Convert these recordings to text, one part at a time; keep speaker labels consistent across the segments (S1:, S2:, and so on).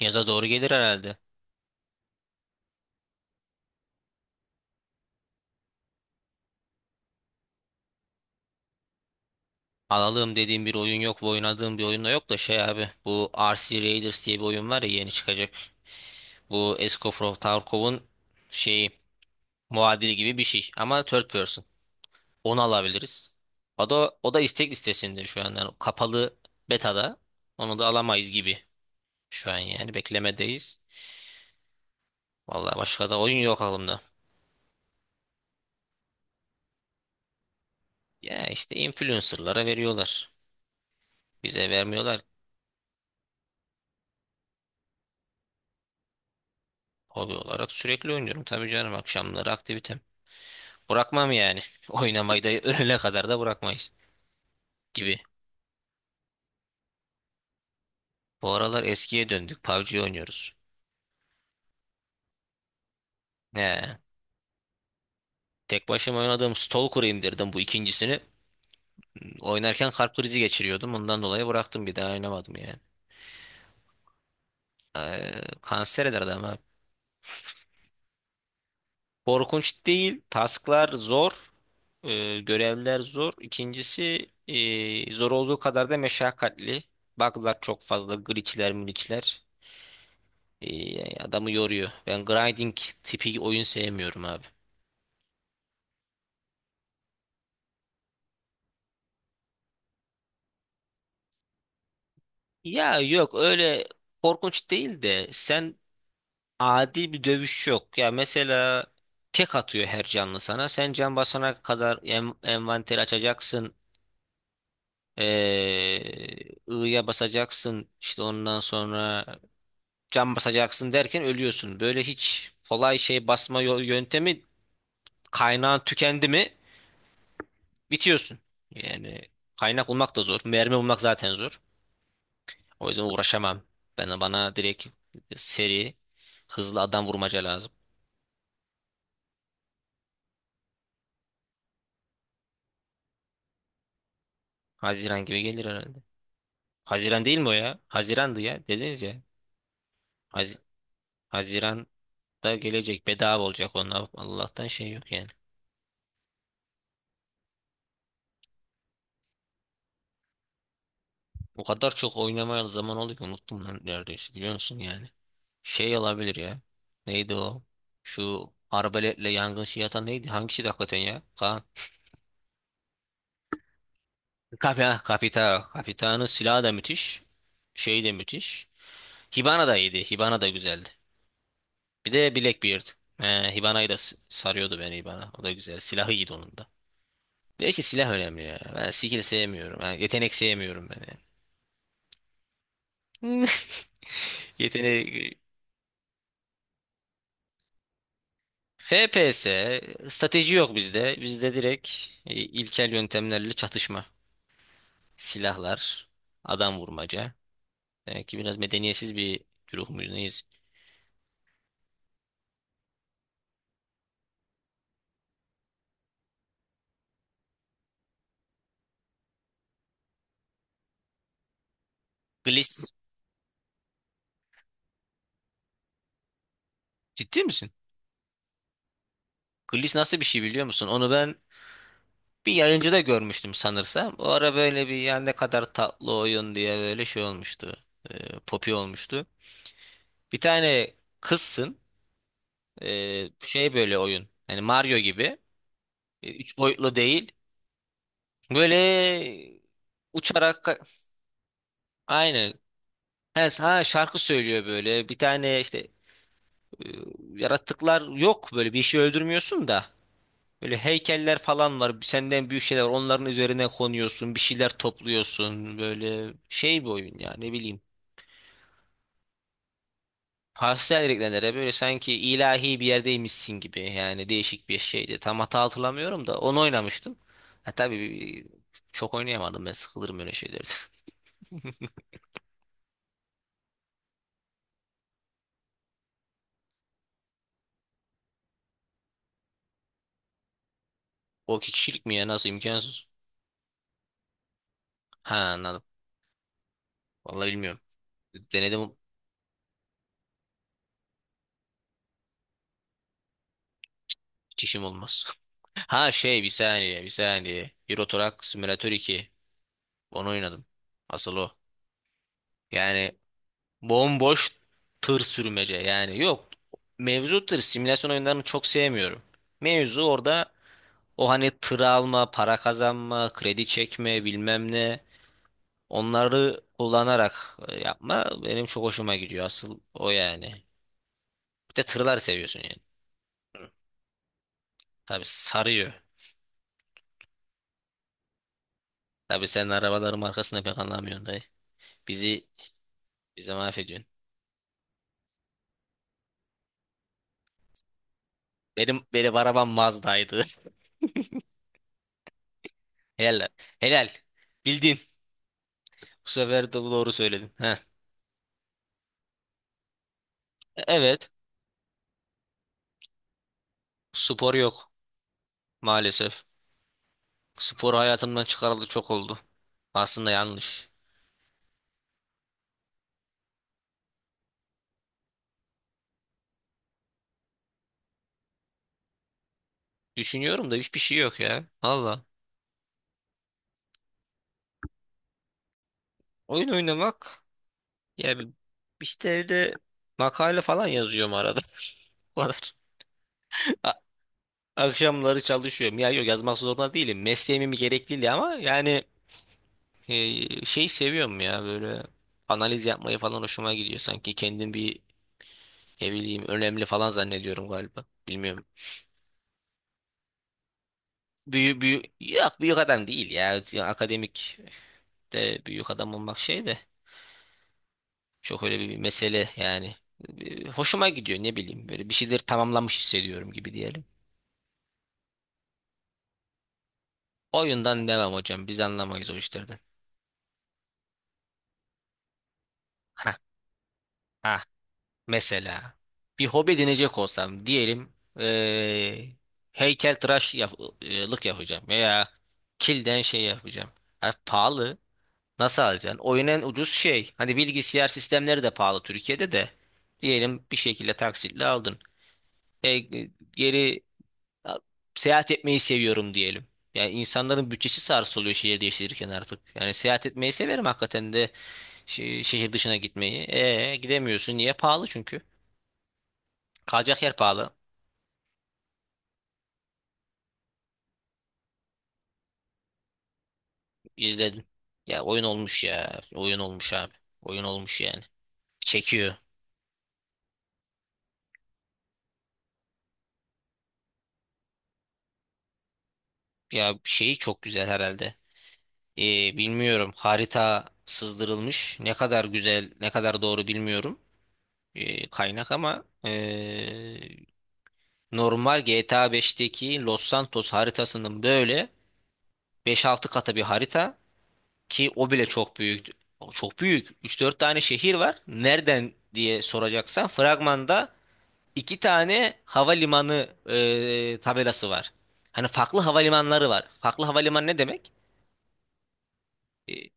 S1: Yaza doğru gelir herhalde. Alalım dediğim bir oyun yok ve oynadığım bir oyun da yok da şey abi. Bu R C Raiders diye bir oyun var ya yeni çıkacak. Bu Escoffrow Tarkov'un şeyi muadili gibi bir şey ama third person. Onu alabiliriz. O da istek listesinde şu an. Yani kapalı betada. Onu da alamayız gibi şu an yani beklemedeyiz. Vallahi başka da oyun yok aklımda. Ya işte influencerlara veriyorlar. Bize vermiyorlar. Hobi olarak sürekli oynuyorum tabii canım akşamları aktivite. Bırakmam yani. Oynamayı da ölene kadar da bırakmayız gibi. Bu aralar eskiye döndük. PUBG oynuyoruz. He. Tek başıma oynadığım Stalker'ı indirdim bu ikincisini. Oynarken kalp krizi geçiriyordum. Ondan dolayı bıraktım bir daha oynamadım yani. Kanser eder adam abi. Korkunç değil. Tasklar zor. Görevler zor. İkincisi zor olduğu kadar da meşakkatli. Bug'lar çok fazla. Glitch'ler, mülitch'ler. Adamı yoruyor. Ben grinding tipi oyun sevmiyorum abi. Ya yok öyle korkunç değil de sen adi bir dövüş yok. Ya mesela tek atıyor her canlı sana. Sen can basana kadar envanteri açacaksın. Ee, I'ya basacaksın. İşte ondan sonra can basacaksın derken ölüyorsun. Böyle hiç kolay şey basma yöntemi kaynağın tükendi mi bitiyorsun. Yani kaynak bulmak da zor. Mermi bulmak zaten zor. O yüzden uğraşamam. Bana direkt seri, hızlı adam vurmaca lazım. Haziran gibi gelir herhalde. Haziran değil mi o ya? Hazirandı ya. Dediniz ya. Haz Haziran'da gelecek. Bedava olacak onlar. Allah'tan şey yok yani. O kadar çok oynamaya zaman oldu ki unuttum lan neredeyse biliyor musun yani. Şey olabilir ya. Neydi o? Şu arbaletle yangın şey atan neydi? Hangisi de hakikaten ya? Kaan. Kapita, kapita. Kapitanın silahı da müthiş. Şey de müthiş. Hibana da iyiydi. Hibana da güzeldi. Bir de Blackbeard. Hibana'yı da sarıyordu beni Hibana. O da güzel. Silahı iyiydi onun da. Belki silah önemli ya. Ben skill sevmiyorum. Ha, yetenek sevmiyorum ben yani. Yetenek... FPS, strateji yok bizde. Bizde direkt ilkel yöntemlerle çatışma. Silahlar, adam vurmaca. Demek ki biraz medeniyetsiz bir güruh muyuz neyiz? Gliss, ciddi misin? Gliss nasıl bir şey biliyor musun? Onu ben bir yayıncıda görmüştüm sanırsam. O ara böyle bir yani ne kadar tatlı oyun diye böyle şey olmuştu. Popi olmuştu. Bir tane kızsın. Şey böyle oyun. Hani Mario gibi. Üç boyutlu değil. Böyle uçarak aynı. Ha, ha, şarkı söylüyor böyle. Bir tane işte e, yaratıklar yok böyle bir şey öldürmüyorsun da. Böyle heykeller falan var. Senden büyük şeyler. Onların üzerine konuyorsun. Bir şeyler topluyorsun. Böyle şey bir oyun ya ne bileyim. Hastaydı reklamları böyle sanki ilahi bir yerdeymişsin gibi yani değişik bir şeydi. Tam hata hatırlamıyorum da onu oynamıştım. Ha, tabii bir- Çok oynayamadım ben sıkılırım öyle şeylerde. O iki kişilik mi ya nasıl imkansız? Ha anladım. Vallahi bilmiyorum. Denedim çişim olmaz. Ha şey bir saniye. Euro Truck Simulator 2. Onu oynadım. Asıl o. Yani bomboş tır sürmece yani yok. Mevzu tır simülasyon oyunlarını çok sevmiyorum. Mevzu orada. O hani tır alma, para kazanma, kredi çekme, bilmem ne. Onları kullanarak yapma benim çok hoşuma gidiyor. Asıl o yani. Bir de tırlar seviyorsun yani. Tabii sarıyor. Tabii sen arabaların markasını pek anlamıyorsun dayı. Bizi bize mahvediyorsun. Benim arabam Mazda'ydı. Helal. Helal. Bildin. Bu sefer de doğru söyledin. Heh. Evet. Spor yok maalesef. Spor hayatımdan çıkarıldı çok oldu. Aslında yanlış. Düşünüyorum da hiçbir şey yok ya. Valla. Oyun oynamak. Ya bi- işte evde makale falan yazıyorum arada. Bu kadar. A- Akşamları çalışıyorum. Ya yok yazmak zorunda değilim. Mesleğimin bir gerekliliği ama yani şey seviyorum ya böyle analiz yapmayı falan hoşuma gidiyor. Sanki kendim bir ne bileyim önemli falan zannediyorum galiba. Bilmiyorum. Büyü yok büyük adam değil ya. Akademik de büyük adam olmak şey de. Çok öyle bir mesele yani. Hoşuma gidiyor ne bileyim böyle bir şeyleri tamamlamış hissediyorum gibi diyelim. Oyundan devam hocam biz anlamayız o işlerden. Ha ha Mesela bir hobi edinecek olsam diyelim eee heykeltıraş lık yapacağım veya kilden şey yapacağım. Ha, pahalı nasıl alacaksın? Oyun en ucuz şey. Hani bilgisayar sistemleri de pahalı Türkiye'de de. Diyelim bir şekilde taksitle aldın. E, geri Ya, Seyahat etmeyi seviyorum diyelim. Yani insanların bütçesi sarsılıyor şehir değiştirirken artık. Yani seyahat etmeyi severim hakikaten de şehir dışına gitmeyi. E gidemiyorsun. Niye? Pahalı çünkü. Kalacak yer pahalı. İzledim. Ya oyun olmuş ya. Oyun olmuş abi. Oyun olmuş yani. Çekiyor. Ya şeyi çok güzel herhalde. Bilmiyorum. Harita sızdırılmış. Ne kadar güzel, ne kadar doğru bilmiyorum. Kaynak ama Normal GTA 5'teki Los Santos haritasının böyle 5-6 katı bir harita ki o bile çok büyük. O çok büyük. 3-4 tane şehir var. Nereden diye soracaksan fragmanda 2 tane havalimanı tabelası var. Hani farklı havalimanları var. Farklı havalimanı ne demek? E,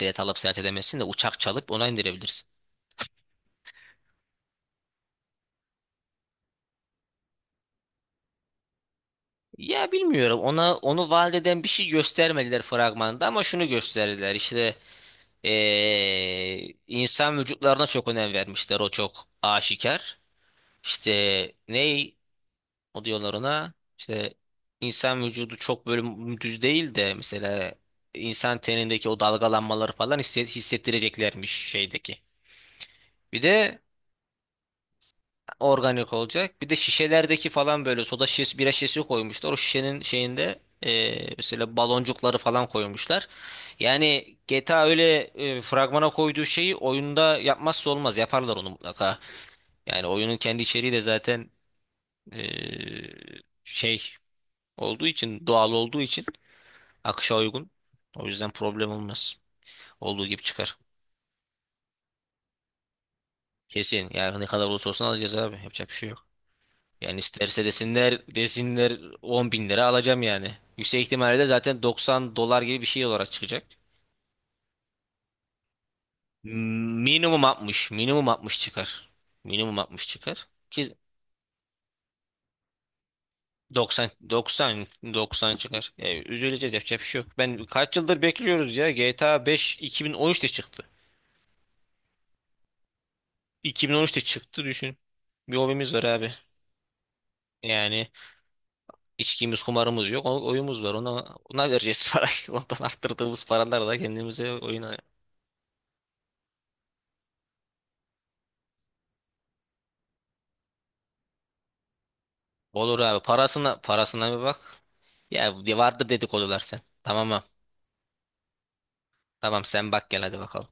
S1: Bilet alıp seyahat edemezsin de uçak çalıp ona indirebilirsin. Ya bilmiyorum. Ona onu vaat eden bir şey göstermediler fragmanda ama şunu gösterdiler. İşte insan vücutlarına çok önem vermişler. O çok aşikar. İşte ney o diyorlar ona işte insan vücudu çok böyle düz değil de mesela insan tenindeki o dalgalanmaları falan hissettireceklermiş şeydeki. Bir de organik olacak. Bir de şişelerdeki falan böyle soda şişesi, bira şişesi koymuşlar. O şişenin şeyinde mesela baloncukları falan koymuşlar. Yani GTA öyle fragmana koyduğu şeyi oyunda yapmazsa olmaz. Yaparlar onu mutlaka. Yani oyunun kendi içeriği de zaten eee, şey olduğu için, doğal olduğu için akışa uygun. O yüzden problem olmaz. Olduğu gibi çıkar. Kesin. Yani ne kadar olursa olsun alacağız abi. Yapacak bir şey yok. Yani isterse desinler 10 bin lira alacağım yani. Yüksek ihtimalle de zaten 90 dolar gibi bir şey olarak çıkacak. Minimum 60, minimum 60 çıkar. Minimum 60 çıkar. Ki 90 90 90 çıkar. Yani üzüleceğiz yapacak bir şey yok. Ben kaç yıldır bekliyoruz ya. GTA 5 2013'te çıktı. 2013'te çıktı düşün. Bir hobimiz var abi. Yani içkimiz, kumarımız yok. Oyumuz var. Ona vereceğiz parayı. Ondan arttırdığımız paralarla kendimize oyun. Olur abi. Parasına bir bak. Ya vardır dedikodular sen. Tamam mı? Tamam sen bak gel hadi bakalım.